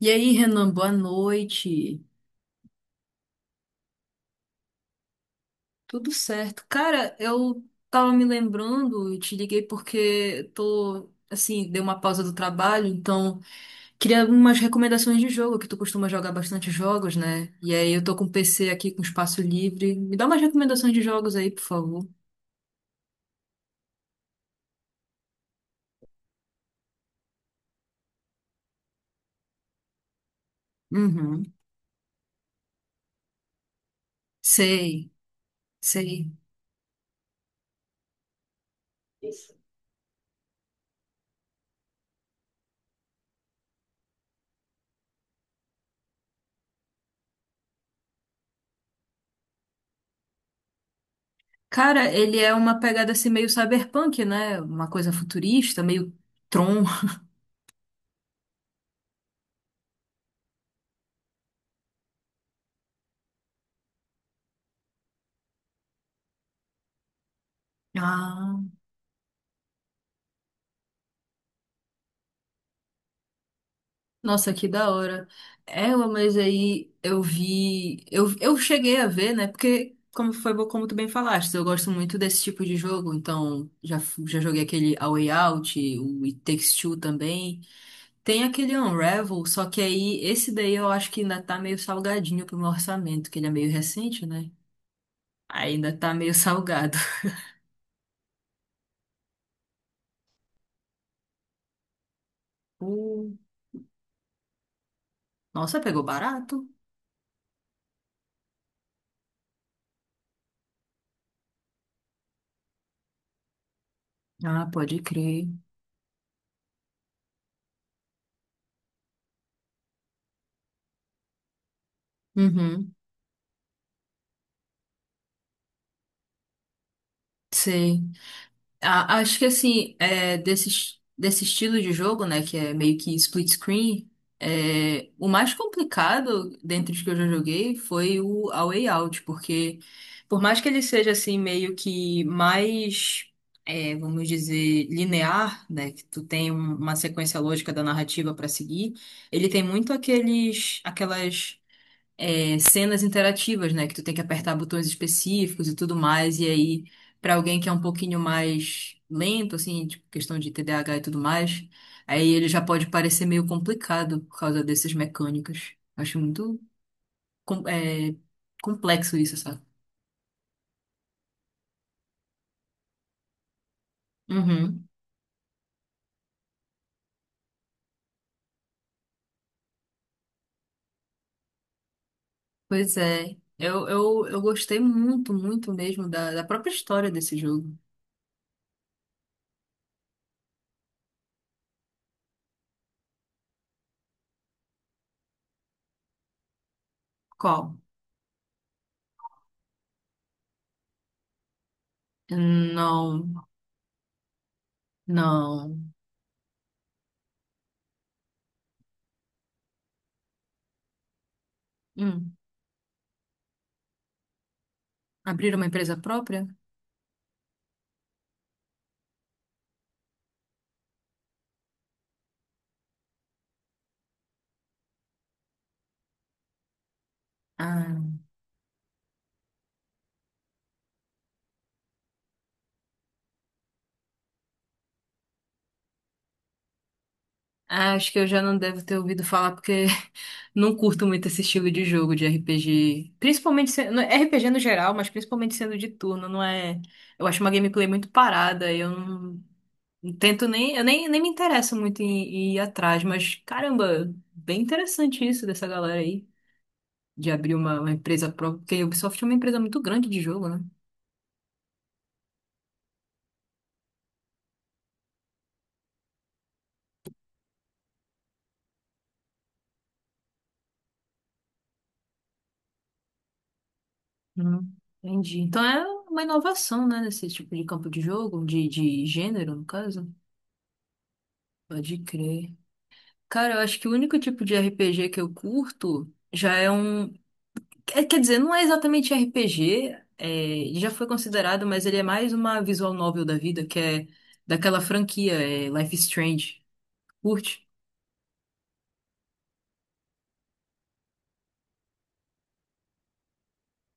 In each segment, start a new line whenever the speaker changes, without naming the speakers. E aí, Renan, boa noite. Tudo certo? Cara, eu tava me lembrando e te liguei porque tô, assim, dei uma pausa do trabalho, então queria algumas recomendações de jogo, que tu costuma jogar bastante jogos, né? E aí eu tô com o PC aqui com espaço livre. Me dá umas recomendações de jogos aí, por favor. Uhum. Sei, sei. Cara, ele é uma pegada assim meio cyberpunk, né? Uma coisa futurista, meio Tron. Ah. Nossa, que da hora. Ela, mas aí eu vi. Eu cheguei a ver, né? Porque, como foi como tu bem falaste, eu gosto muito desse tipo de jogo. Então, já, já joguei aquele A Way Out, o It Takes Two também. Tem aquele Unravel, só que aí esse daí eu acho que ainda tá meio salgadinho pro meu orçamento, que ele é meio recente, né? Ainda tá meio salgado. Uh, nossa, pegou barato. Ah, pode crer. Uhum, sei. Acho que assim, é, desse estilo de jogo, né, que é meio que split screen, é, o mais complicado dentre os que eu já joguei foi o A Way Out, porque por mais que ele seja assim meio que mais, é, vamos dizer, linear, né, que tu tem uma sequência lógica da narrativa para seguir, ele tem muito aquelas é, cenas interativas, né? Que tu tem que apertar botões específicos e tudo mais. E aí, pra alguém que é um pouquinho mais lento, assim, tipo, questão de TDAH e tudo mais, aí ele já pode parecer meio complicado por causa dessas mecânicas. Acho muito, com- é, complexo isso, sabe? Uhum. Pois é. Eu gostei muito, muito mesmo da própria história desse jogo. Qual? Não, não. Hum. Abrir uma empresa própria? Ah. Ah, acho que eu já não devo ter ouvido falar porque não curto muito esse estilo de jogo de RPG. Principalmente sendo, RPG no geral, mas principalmente sendo de turno, não é? Eu acho uma gameplay muito parada, eu não, não tento nem, eu nem, nem me interesso muito em, em ir atrás, mas caramba, bem interessante isso dessa galera aí de abrir uma empresa própria, porque a Ubisoft é uma empresa muito grande de jogo, né? Hum, entendi. Então é uma inovação, né, nesse tipo de campo de jogo, de gênero, no caso. Pode crer. Cara, eu acho que o único tipo de RPG que eu curto já é um. Quer dizer, não é exatamente RPG, é, ele já foi considerado, mas ele é mais uma visual novel da vida, que é daquela franquia, é Life is Strange. Curte?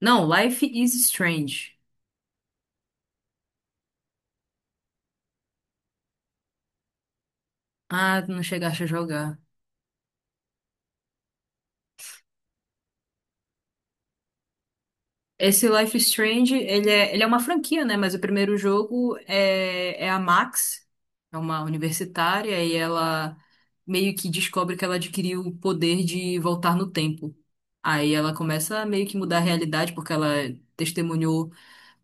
Não, Life is Strange. Ah, tu não chegaste a jogar. Esse Life is Strange, ele é uma franquia, né? Mas o primeiro jogo é, é a Max, é uma universitária, e ela meio que descobre que ela adquiriu o poder de voltar no tempo. Aí ela começa a meio que mudar a realidade, porque ela testemunhou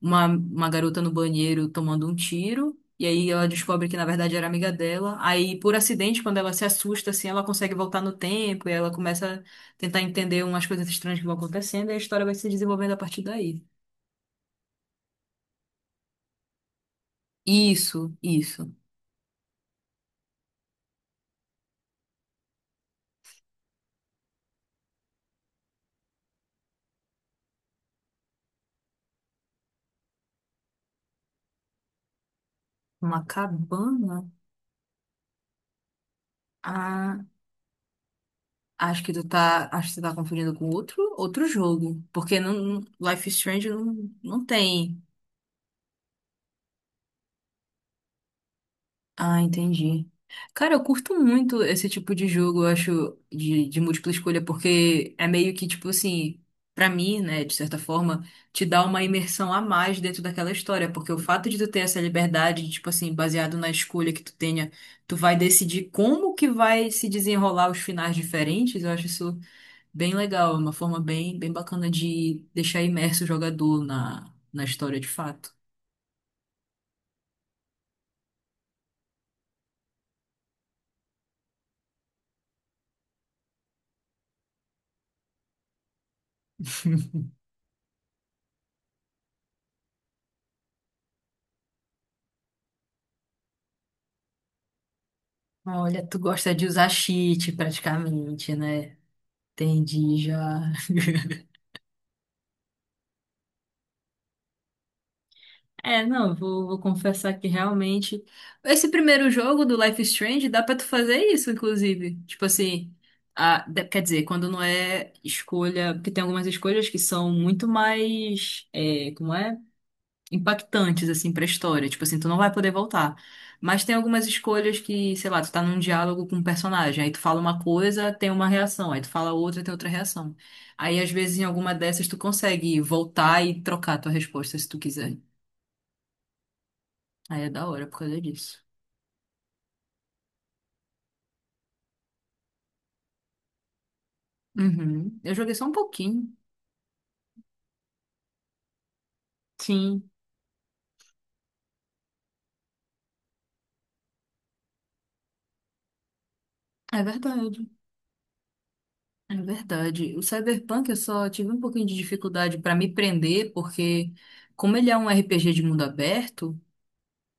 uma garota no banheiro tomando um tiro. E aí ela descobre que na verdade era amiga dela. Aí, por acidente, quando ela se assusta, assim, ela consegue voltar no tempo e ela começa a tentar entender umas coisas estranhas que vão acontecendo e a história vai se desenvolvendo a partir daí. Isso, isso. Uma cabana? Ah, acho que tu tá confundindo com outro, outro jogo. Porque Life is Strange não, não tem. Ah, entendi. Cara, eu curto muito esse tipo de jogo, eu acho, de múltipla escolha, porque é meio que, tipo assim, pra mim, né, de certa forma, te dá uma imersão a mais dentro daquela história, porque o fato de tu ter essa liberdade, de, tipo assim, baseado na escolha que tu tenha, tu vai decidir como que vai se desenrolar os finais diferentes, eu acho isso bem legal, é uma forma bem, bem bacana de deixar imerso o jogador na, na história de fato. Olha, tu gosta de usar cheat praticamente, né? Entendi já. É, não, vou confessar que realmente. Esse primeiro jogo do Life is Strange dá pra tu fazer isso, inclusive. Tipo assim, quer dizer, quando não é escolha. Porque tem algumas escolhas que são muito mais. É, como é? Impactantes, assim, pra história. Tipo assim, tu não vai poder voltar. Mas tem algumas escolhas que, sei lá, tu tá num diálogo com um personagem, aí tu fala uma coisa, tem uma reação, aí tu fala outra, tem outra reação. Aí, às vezes, em alguma dessas, tu consegue voltar e trocar a tua resposta se tu quiser. Aí é da hora por causa disso. Uhum. Eu joguei só um pouquinho. Sim, é verdade. É verdade. O Cyberpunk eu só tive um pouquinho de dificuldade pra me prender, porque como ele é um RPG de mundo aberto,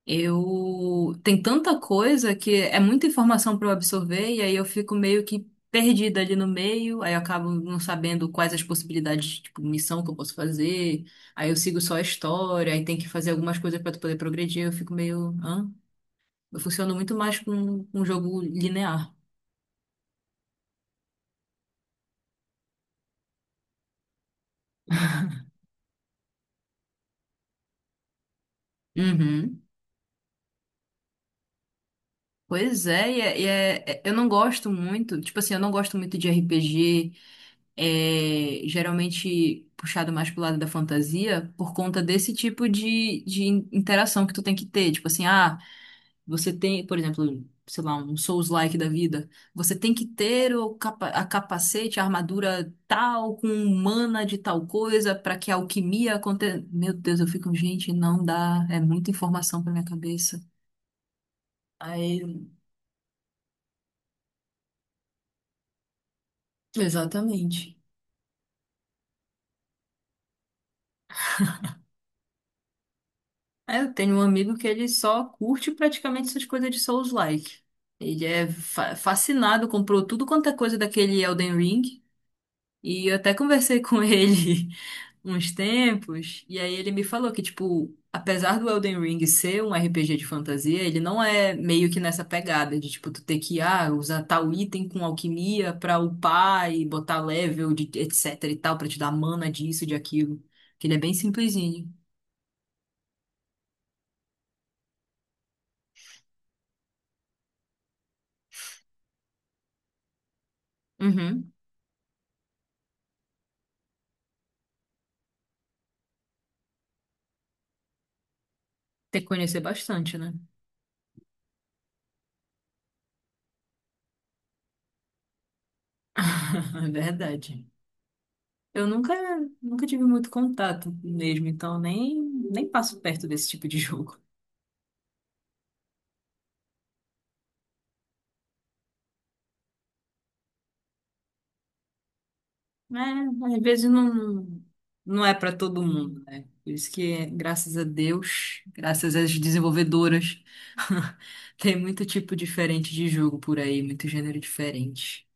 eu tem tanta coisa que é muita informação para eu absorver e aí eu fico meio que perdida ali no meio, aí eu acabo não sabendo quais as possibilidades, tipo, missão que eu posso fazer. Aí eu sigo só a história, aí tem que fazer algumas coisas para tu poder progredir, eu fico meio, hã? Eu funciono muito mais com um jogo linear. Uhum. Pois é, eu não gosto muito, tipo assim, eu não gosto muito de RPG, é, geralmente puxado mais pro lado da fantasia por conta desse tipo de, de interação que tu tem que ter. Tipo assim, ah, você tem, por exemplo, sei lá, um Souls-like da vida. Você tem que ter o a capacete, a armadura tal, com mana de tal coisa, pra que a alquimia aconteça. Meu Deus, eu fico, gente, não dá. É muita informação pra minha cabeça. Aí, exatamente. É, eu tenho um amigo que ele só curte praticamente essas coisas de Souls-like. Ele é fascinado, comprou tudo quanto é coisa daquele Elden Ring. E eu até conversei com ele uns tempos, e aí ele me falou que, tipo, apesar do Elden Ring ser um RPG de fantasia, ele não é meio que nessa pegada de, tipo, tu ter que, ah, usar tal item com alquimia pra upar e botar level, de, etc e tal, pra te dar mana disso, de aquilo. Que ele é bem simplesinho. Uhum. Tem que conhecer bastante, né? É verdade. Eu nunca, nunca tive muito contato mesmo, então nem passo perto desse tipo de jogo. É, às vezes não, não é para todo mundo, né? Por isso que, graças a Deus, graças às desenvolvedoras, tem muito tipo diferente de jogo por aí, muito gênero diferente.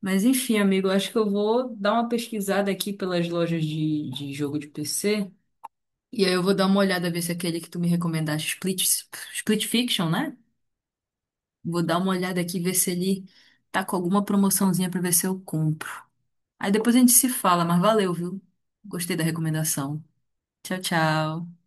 Mas enfim, amigo, eu acho que eu vou dar uma pesquisada aqui pelas lojas de jogo de PC. E aí eu vou dar uma olhada, ver se é aquele que tu me recomendaste, Split Fiction, né? Vou dar uma olhada aqui, ver se ele tá com alguma promoçãozinha pra ver se eu compro. Aí depois a gente se fala, mas valeu, viu? Gostei da recomendação. Tchau, tchau.